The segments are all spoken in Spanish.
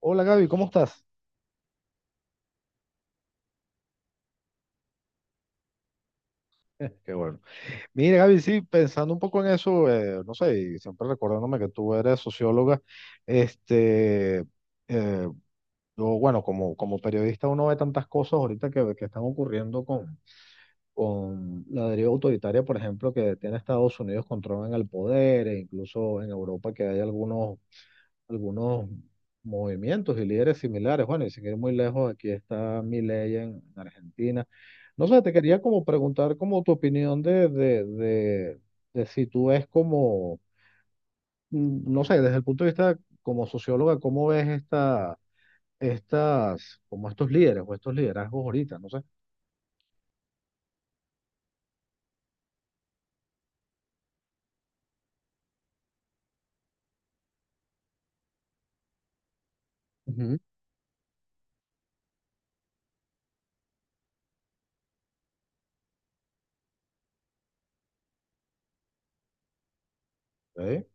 Hola Gaby, ¿cómo estás? Qué bueno. Mira Gaby, sí, pensando un poco en eso, no sé, y siempre recordándome que tú eres socióloga, este, eh, yo, bueno, como periodista uno ve tantas cosas ahorita que están ocurriendo con la deriva autoritaria, por ejemplo, que tiene Estados Unidos controlan el poder, e incluso en Europa que hay algunos movimientos y líderes similares. Bueno, y sin ir muy lejos, aquí está Milei en Argentina. No sé, te quería como preguntar como tu opinión de si tú ves no sé, desde el punto de vista como socióloga, ¿cómo ves como estos líderes o estos liderazgos ahorita? No sé. Ujú. Sí,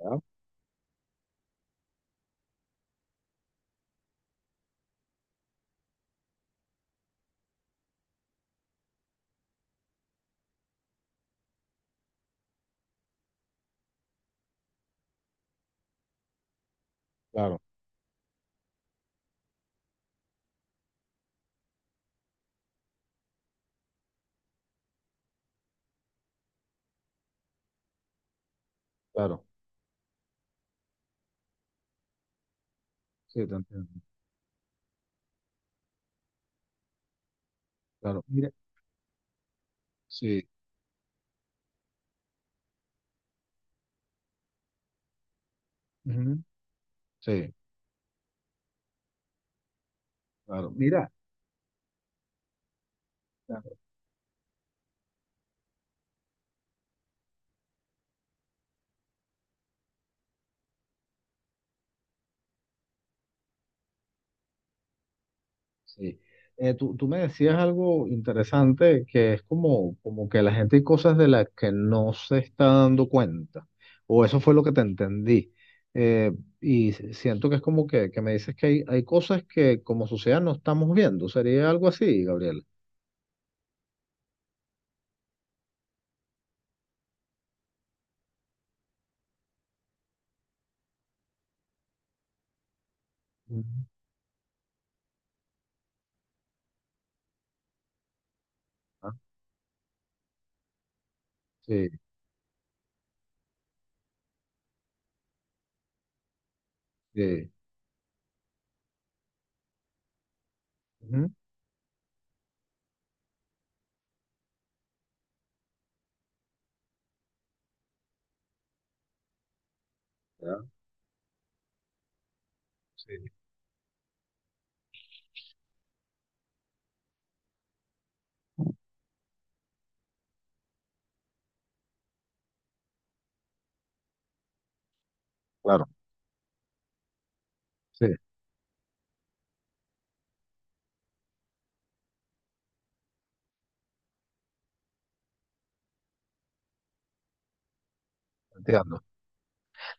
ya. Claro, claro. Sí, te entiendo. Claro. Mira, sí. Ujú, sí, claro. Mira. Sí. Tú me decías algo interesante que es como que la gente hay cosas de las que no se está dando cuenta, o eso fue lo que te entendí. Eh, y siento que es como que me dices que hay cosas que como sociedad no estamos viendo. Sería algo así, Gabriel. Ujú. Ah, sí, sí. Ujú. Ya, sí, claro. Sí, entiendo.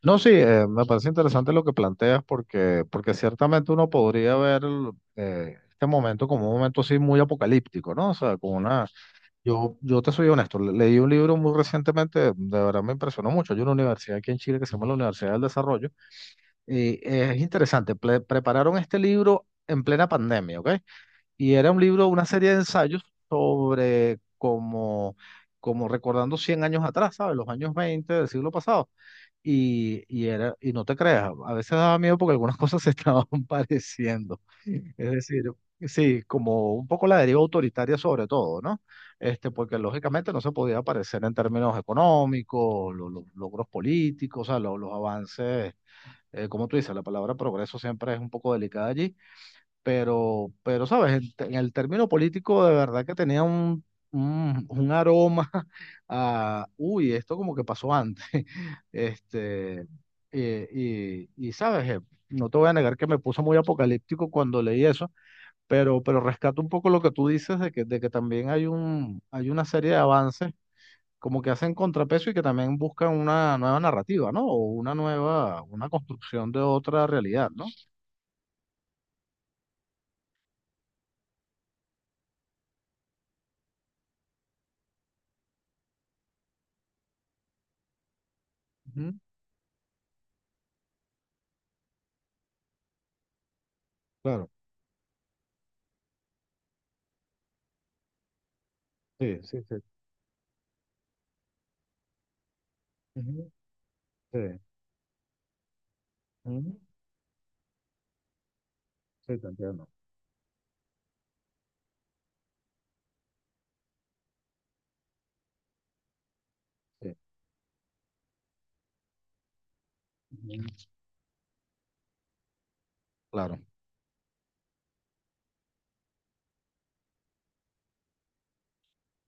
No, sí, me parece interesante lo que planteas porque ciertamente uno podría ver este momento como un momento así muy apocalíptico, ¿no? O sea, con una. Yo te soy honesto, leí un libro muy recientemente, de verdad me impresionó mucho. Hay una universidad aquí en Chile que se llama la Universidad del Desarrollo y es interesante, prepararon este libro en plena pandemia, ¿ok? Y era un libro, una serie de ensayos sobre como recordando 100 años atrás, ¿sabes? Los años 20 del siglo pasado. Y no te creas, a veces daba miedo porque algunas cosas se estaban pareciendo. Es decir, sí, como un poco la deriva autoritaria sobre todo, ¿no? Este, porque lógicamente no se podía parecer en términos económicos, los logros políticos, o sea, los avances, como tú dices, la palabra progreso siempre es un poco delicada allí pero sabes, en el término político de verdad que tenía un aroma a, uy, esto como que pasó antes. Este, y sabes, no te voy a negar que me puso muy apocalíptico cuando leí eso, pero rescato un poco lo que tú dices de que también hay hay una serie de avances, como que hacen contrapeso y que también buscan una nueva narrativa, ¿no? O una nueva, una construcción de otra realidad, ¿no? Ujú, claro, sí, sí, sí. Sí, ujú, sí, te entiendo. Sí, ujú, claro,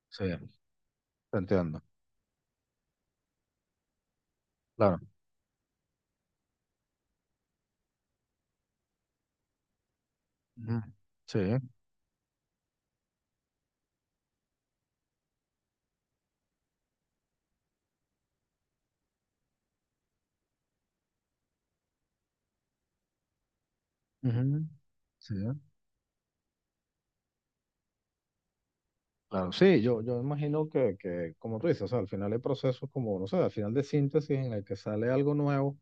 sí, te entiendo, claro. Ujú, sí, ujú, sí, claro. Sí, yo imagino que, como tú dices, o sea, al final hay procesos como, no sé, al final de síntesis en el que sale algo nuevo,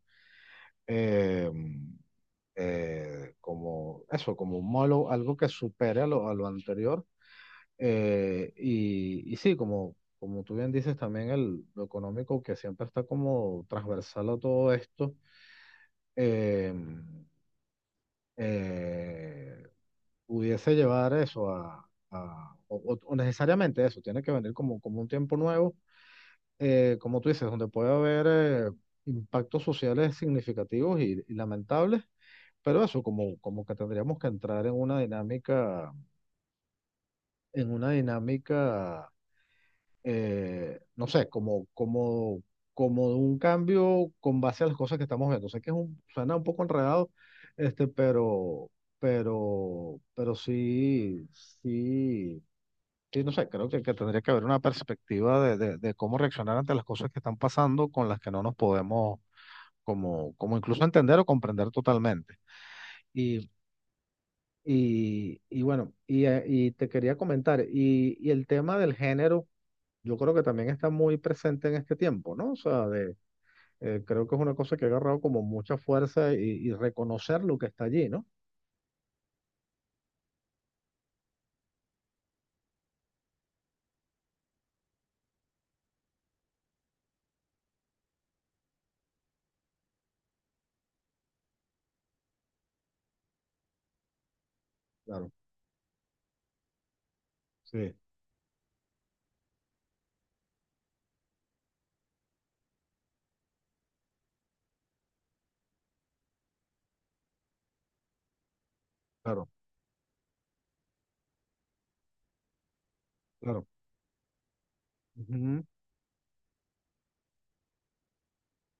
eh, como eso, como un molo, algo que supere a lo anterior. Y sí, como tú bien dices, también el, lo económico que siempre está como transversal a todo esto. eh, eh, pudiese llevar eso o necesariamente eso, tiene que venir como un tiempo nuevo, como tú dices, donde puede haber eh, impactos sociales significativos y lamentables, pero eso como que tendríamos que entrar en una dinámica no sé, como de un cambio con base a las cosas que estamos viendo. Sé que es suena un poco enredado, este, pero, pero sí, sí, sí, no sé, creo que tendría que haber una perspectiva de cómo reaccionar ante las cosas que están pasando con las que no nos podemos como incluso entender o comprender totalmente. Y, y bueno, y te quería comentar, y el tema del género yo creo que también está muy presente en este tiempo, ¿no? O sea, de, creo que es una cosa que ha agarrado como mucha fuerza y reconocer lo que está allí, ¿no? Claro, sí, claro, claro. Ujú.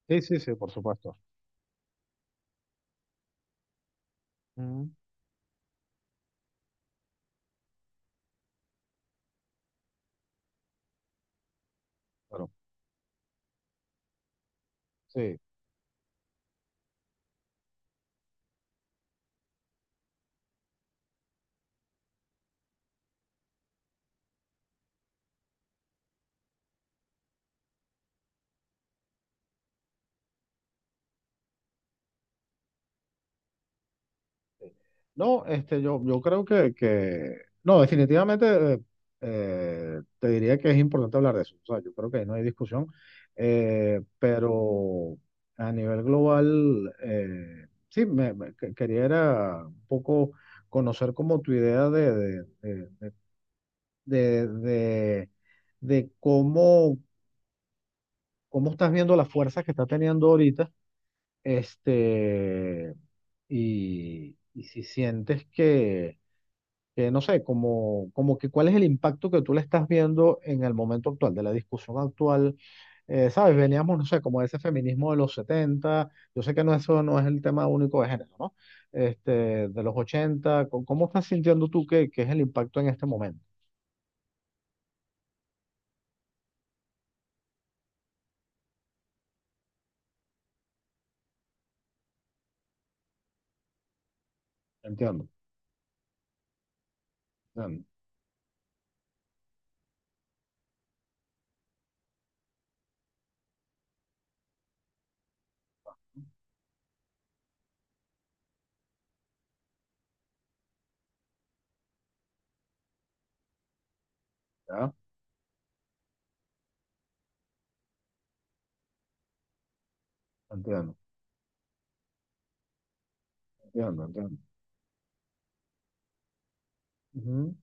Sí, sí, sí, por supuesto. Ujú. Claro, sí. No, este, yo creo no, definitivamente te diría que es importante hablar de eso. O sea, yo creo que ahí no hay discusión, pero a nivel global, sí, quería era un poco conocer como tu idea de, de- de cómo estás viendo las fuerzas que está teniendo ahorita, este, y si sientes que no sé, como, como que cuál es el impacto que tú le estás viendo en el momento actual, de la discusión actual. ¿Sabes? Veníamos, no sé, como de ese feminismo de los setenta. Yo sé que no, eso no es el tema único de género, ¿no? Este, de los 80 ¿cómo estás sintiendo tú que es el impacto en este momento? Entiendo, entiendo, ya, entiendo, entiendo, entiendo, ujú,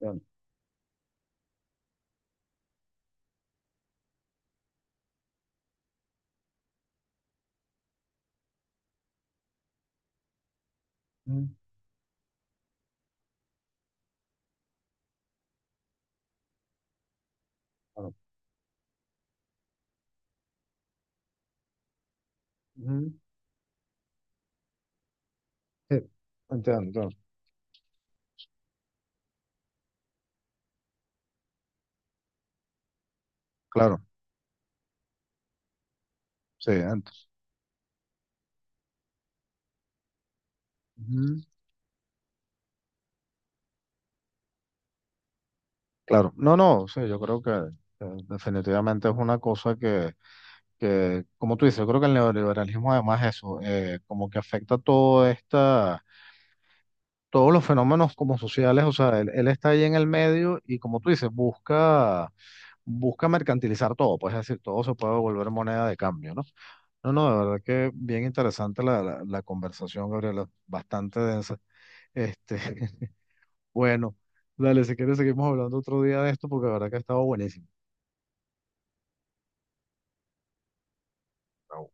entiendo. Ujú, claro, ujú. Sí, entiendo, entiendo. Claro, sí, entiendo. Claro, no, no, sí, yo creo que definitivamente es una cosa que, como tú dices, yo creo que el neoliberalismo además es eso, como que afecta todos los fenómenos como sociales, o sea, él está ahí en el medio y como tú dices, busca mercantilizar todo, pues es decir, todo se puede volver moneda de cambio, ¿no? No, no, de verdad que bien interesante la conversación, Gabriela, bastante densa. Este, bueno, dale, si quieres seguimos hablando otro día de esto porque de verdad que ha estado buenísimo. Ah,